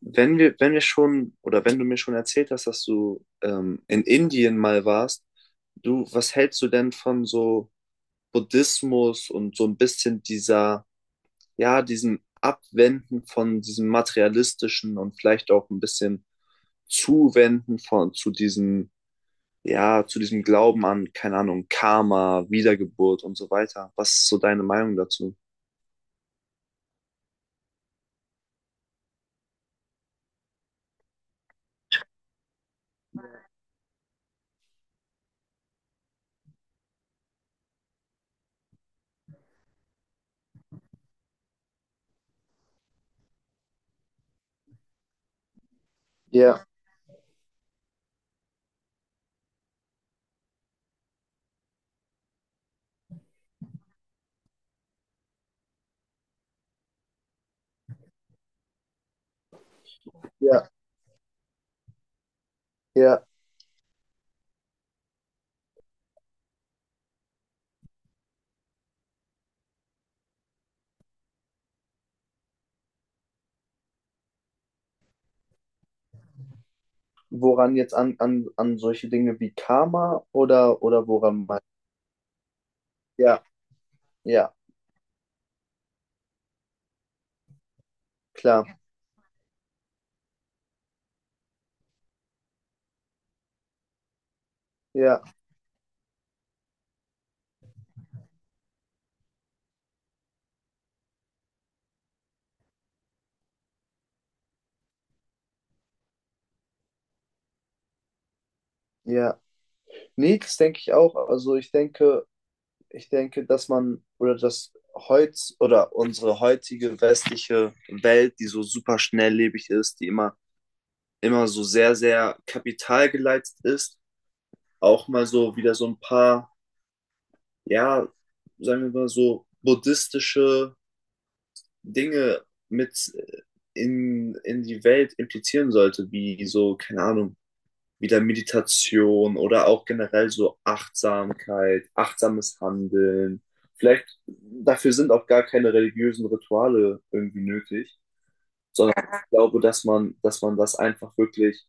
Wenn wir schon, oder wenn du mir schon erzählt hast, dass du in Indien mal warst, du, was hältst du denn von so Buddhismus und so ein bisschen ja, diesem Abwenden von diesem materialistischen und vielleicht auch ein bisschen zu diesem, ja, zu diesem Glauben an, keine Ahnung, Karma, Wiedergeburt und so weiter? Was ist so deine Meinung dazu? Ja, ja, ja. Woran jetzt an solche Dinge wie Karma oder woran man. Ja, ja, klar. Ja, ja. Nee, das denke ich auch. Also ich denke, dass man oder dass heutz oder unsere heutige westliche Welt, die so super schnelllebig ist, immer so sehr kapitalgeleitet ist, auch mal so wieder so ein paar, ja, sagen wir mal so buddhistische Dinge mit in die Welt implizieren sollte, wie so, keine Ahnung, wieder Meditation oder auch generell so Achtsamkeit, achtsames Handeln. Vielleicht dafür sind auch gar keine religiösen Rituale irgendwie nötig, sondern ich glaube, dass man das einfach wirklich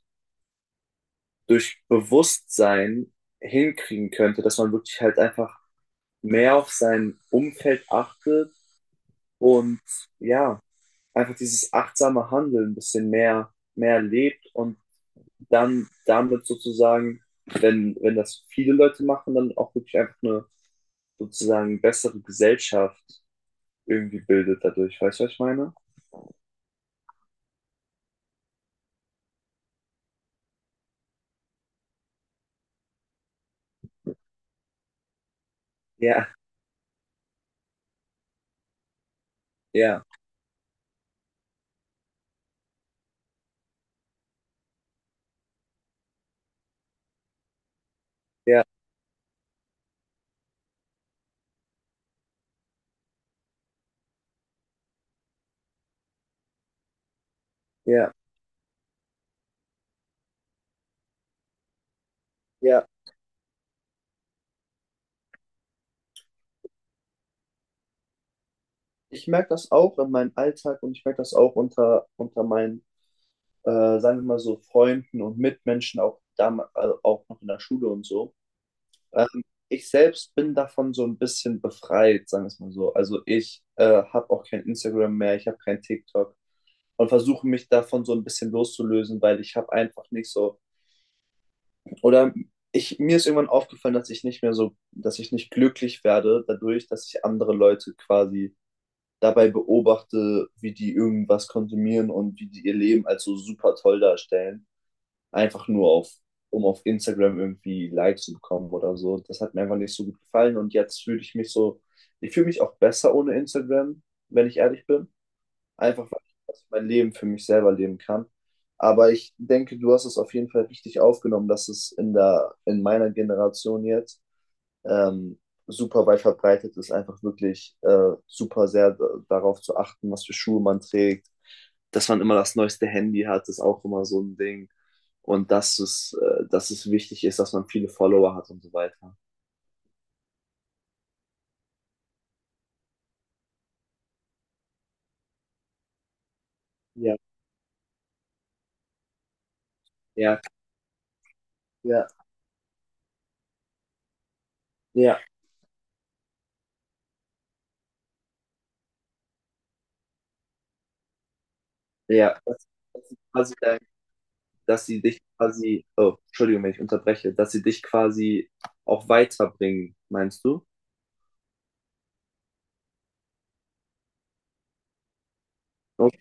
durch Bewusstsein hinkriegen könnte, dass man wirklich halt einfach mehr auf sein Umfeld achtet und ja, einfach dieses achtsame Handeln ein bisschen mehr lebt und dann damit sozusagen, wenn das viele Leute machen, dann auch wirklich einfach eine sozusagen bessere Gesellschaft irgendwie bildet dadurch. Weißt du, was ich meine? Ja, ja, ja, ja, ja. Ich merke das auch in meinem Alltag und ich merke das auch unter meinen, äh, sagen wir mal so, Freunden und Mitmenschen, auch, dam also auch noch in der Schule und so. Ich selbst bin davon so ein bisschen befreit, sagen wir es mal so. Also ich habe auch kein Instagram mehr, ich habe kein TikTok und versuche mich davon so ein bisschen loszulösen, weil ich habe einfach nicht so oder ich mir ist irgendwann aufgefallen, dass ich nicht glücklich werde dadurch, dass ich andere Leute quasi dabei beobachte, wie die irgendwas konsumieren und wie die ihr Leben als so super toll darstellen einfach nur um auf Instagram irgendwie Likes zu bekommen oder so. Das hat mir einfach nicht so gut gefallen und jetzt fühle ich mich so, ich fühle mich auch besser ohne Instagram, wenn ich ehrlich bin. Einfach weil ich mein Leben für mich selber leben kann. Aber ich denke, du hast es auf jeden Fall richtig aufgenommen, dass es in der, in meiner Generation jetzt ähm, super weit verbreitet ist, einfach wirklich super sehr darauf zu achten, was für Schuhe man trägt, dass man immer das neueste Handy hat, ist auch immer so ein Ding. Und dass es wichtig ist, dass man viele Follower hat und so weiter. Ja, ja, ja, ja, ja. Das ist quasi dein, dass sie dich quasi, oh, Entschuldigung, wenn ich unterbreche, dass sie dich quasi auch weiterbringen, meinst du? Okay.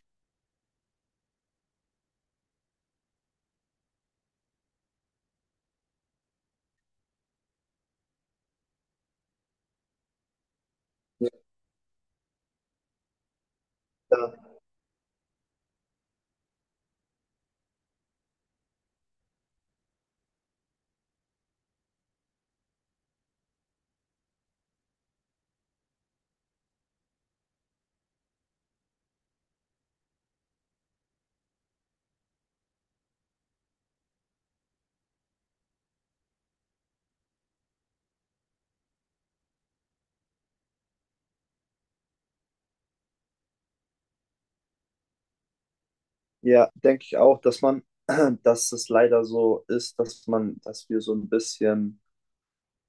Ja, denke ich auch, dass man, dass es leider so ist, dass man, dass wir so ein bisschen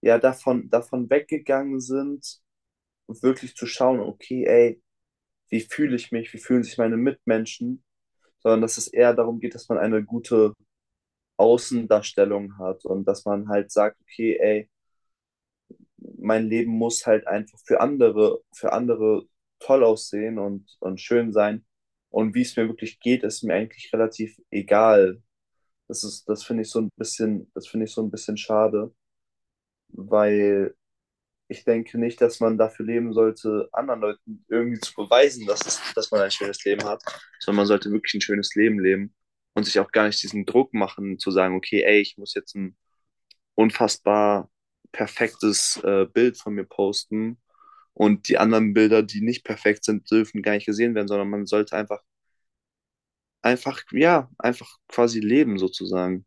ja davon weggegangen sind, wirklich zu schauen, okay, ey, wie fühle ich mich, wie fühlen sich meine Mitmenschen, sondern dass es eher darum geht, dass man eine gute Außendarstellung hat und dass man halt sagt, okay, ey, mein Leben muss halt einfach für andere toll aussehen und schön sein. Und wie es mir wirklich geht, ist mir eigentlich relativ egal. Das finde ich so ein bisschen, das finde ich so ein bisschen schade, weil ich denke nicht, dass man dafür leben sollte, anderen Leuten irgendwie zu beweisen, dass man ein schönes Leben hat, sondern man sollte wirklich ein schönes Leben leben und sich auch gar nicht diesen Druck machen, zu sagen, okay, ey, ich muss jetzt ein unfassbar perfektes Bild von mir posten und die anderen Bilder, die nicht perfekt sind, dürfen gar nicht gesehen werden, sondern man sollte ja, einfach quasi leben sozusagen.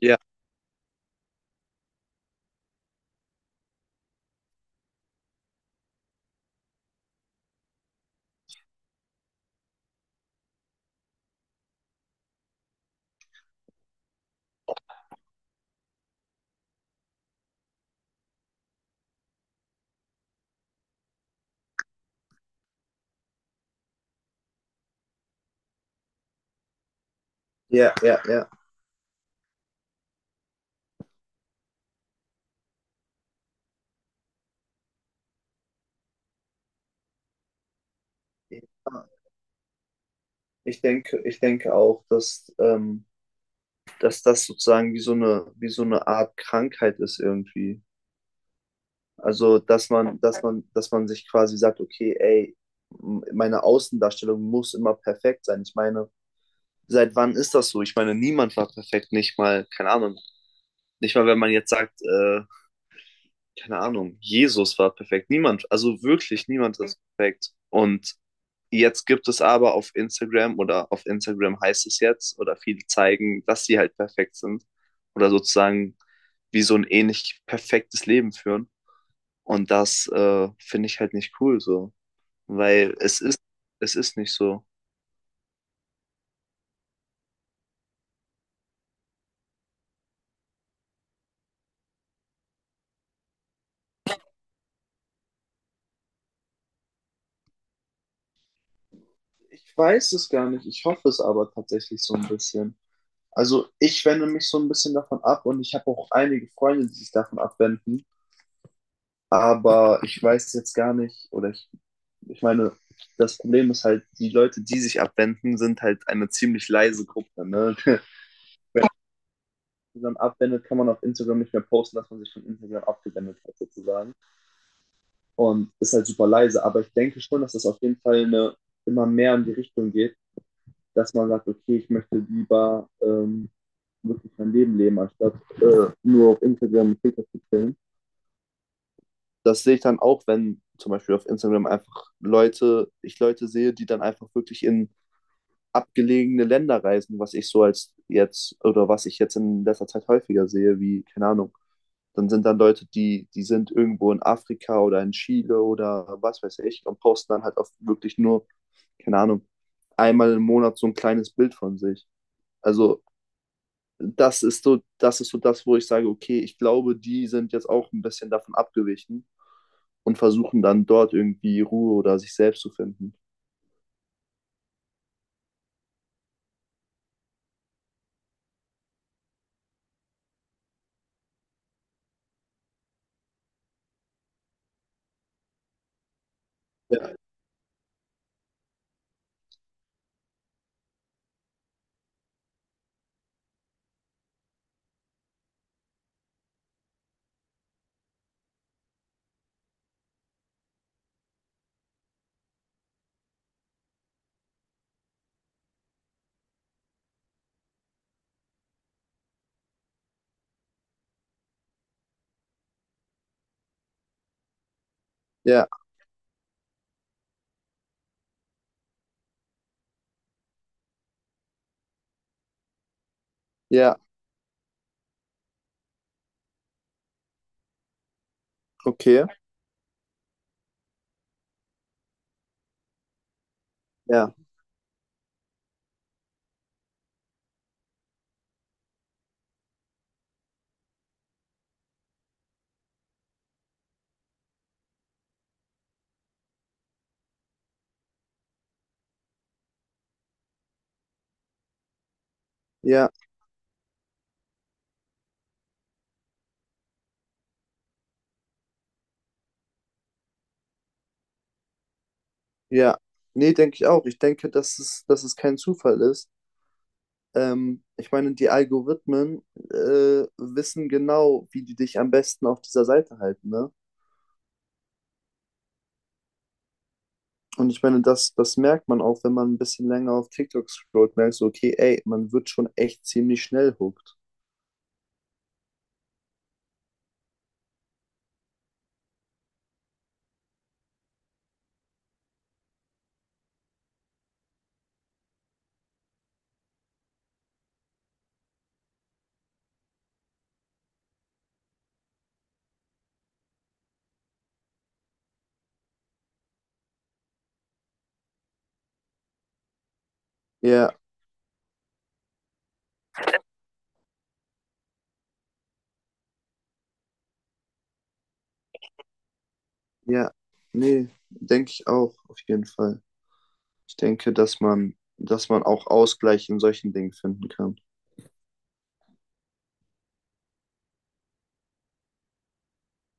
Ja, ja, ja, ja. Ich denke auch, dass, dass das sozusagen wie so eine Art Krankheit ist irgendwie. Also, dass man sich quasi sagt, okay, ey, meine Außendarstellung muss immer perfekt sein. Ich meine, seit wann ist das so? Ich meine, niemand war perfekt, nicht mal, keine Ahnung. Nicht mal, wenn man jetzt sagt, keine Ahnung, Jesus war perfekt. Niemand, also wirklich niemand ist perfekt. Und jetzt gibt es aber auf Instagram oder auf Instagram heißt es jetzt oder viele zeigen, dass sie halt perfekt sind oder sozusagen wie so ein ähnlich perfektes Leben führen. Und das finde ich halt nicht cool so, weil es ist nicht so. Ich weiß es gar nicht. Ich hoffe es aber tatsächlich so ein bisschen. Also ich wende mich so ein bisschen davon ab und ich habe auch einige Freunde, die sich davon abwenden. Aber ich weiß jetzt gar nicht, ich meine, das Problem ist halt, die Leute, die sich abwenden, sind halt eine ziemlich leise Gruppe. Ne? Wenn man Instagram abwendet, kann man auf Instagram nicht mehr posten, dass man sich von Instagram abgewendet hat, sozusagen. Und ist halt super leise. Aber ich denke schon, dass das auf jeden Fall eine, immer mehr in die Richtung geht, dass man sagt, okay, ich möchte lieber wirklich mein Leben leben, anstatt nur auf Instagram und TikTok zu chillen. Das sehe ich dann auch, wenn zum Beispiel auf Instagram einfach ich Leute sehe, die dann einfach wirklich in abgelegene Länder reisen, was ich jetzt in letzter Zeit häufiger sehe, wie, keine Ahnung, dann sind dann Leute, die sind irgendwo in Afrika oder in Chile oder was weiß ich und posten dann halt auf wirklich nur, keine Ahnung, einmal im Monat so ein kleines Bild von sich. Also das ist so das, wo ich sage, okay, ich glaube, die sind jetzt auch ein bisschen davon abgewichen und versuchen dann dort irgendwie Ruhe oder sich selbst zu finden. Ja, ja, ja, okay. Ja, ja, ja. Nee, denke ich auch. Ich denke, dass es kein Zufall ist. Ich meine, die Algorithmen wissen genau, wie die dich am besten auf dieser Seite halten, ne? Und ich meine, das merkt man auch, wenn man ein bisschen länger auf TikTok scrollt, merkst du, okay, ey, man wird schon echt ziemlich schnell hooked. Ja, ja, nee, denke ich auch, auf jeden Fall. Ich denke, dass man auch Ausgleich in solchen Dingen finden kann.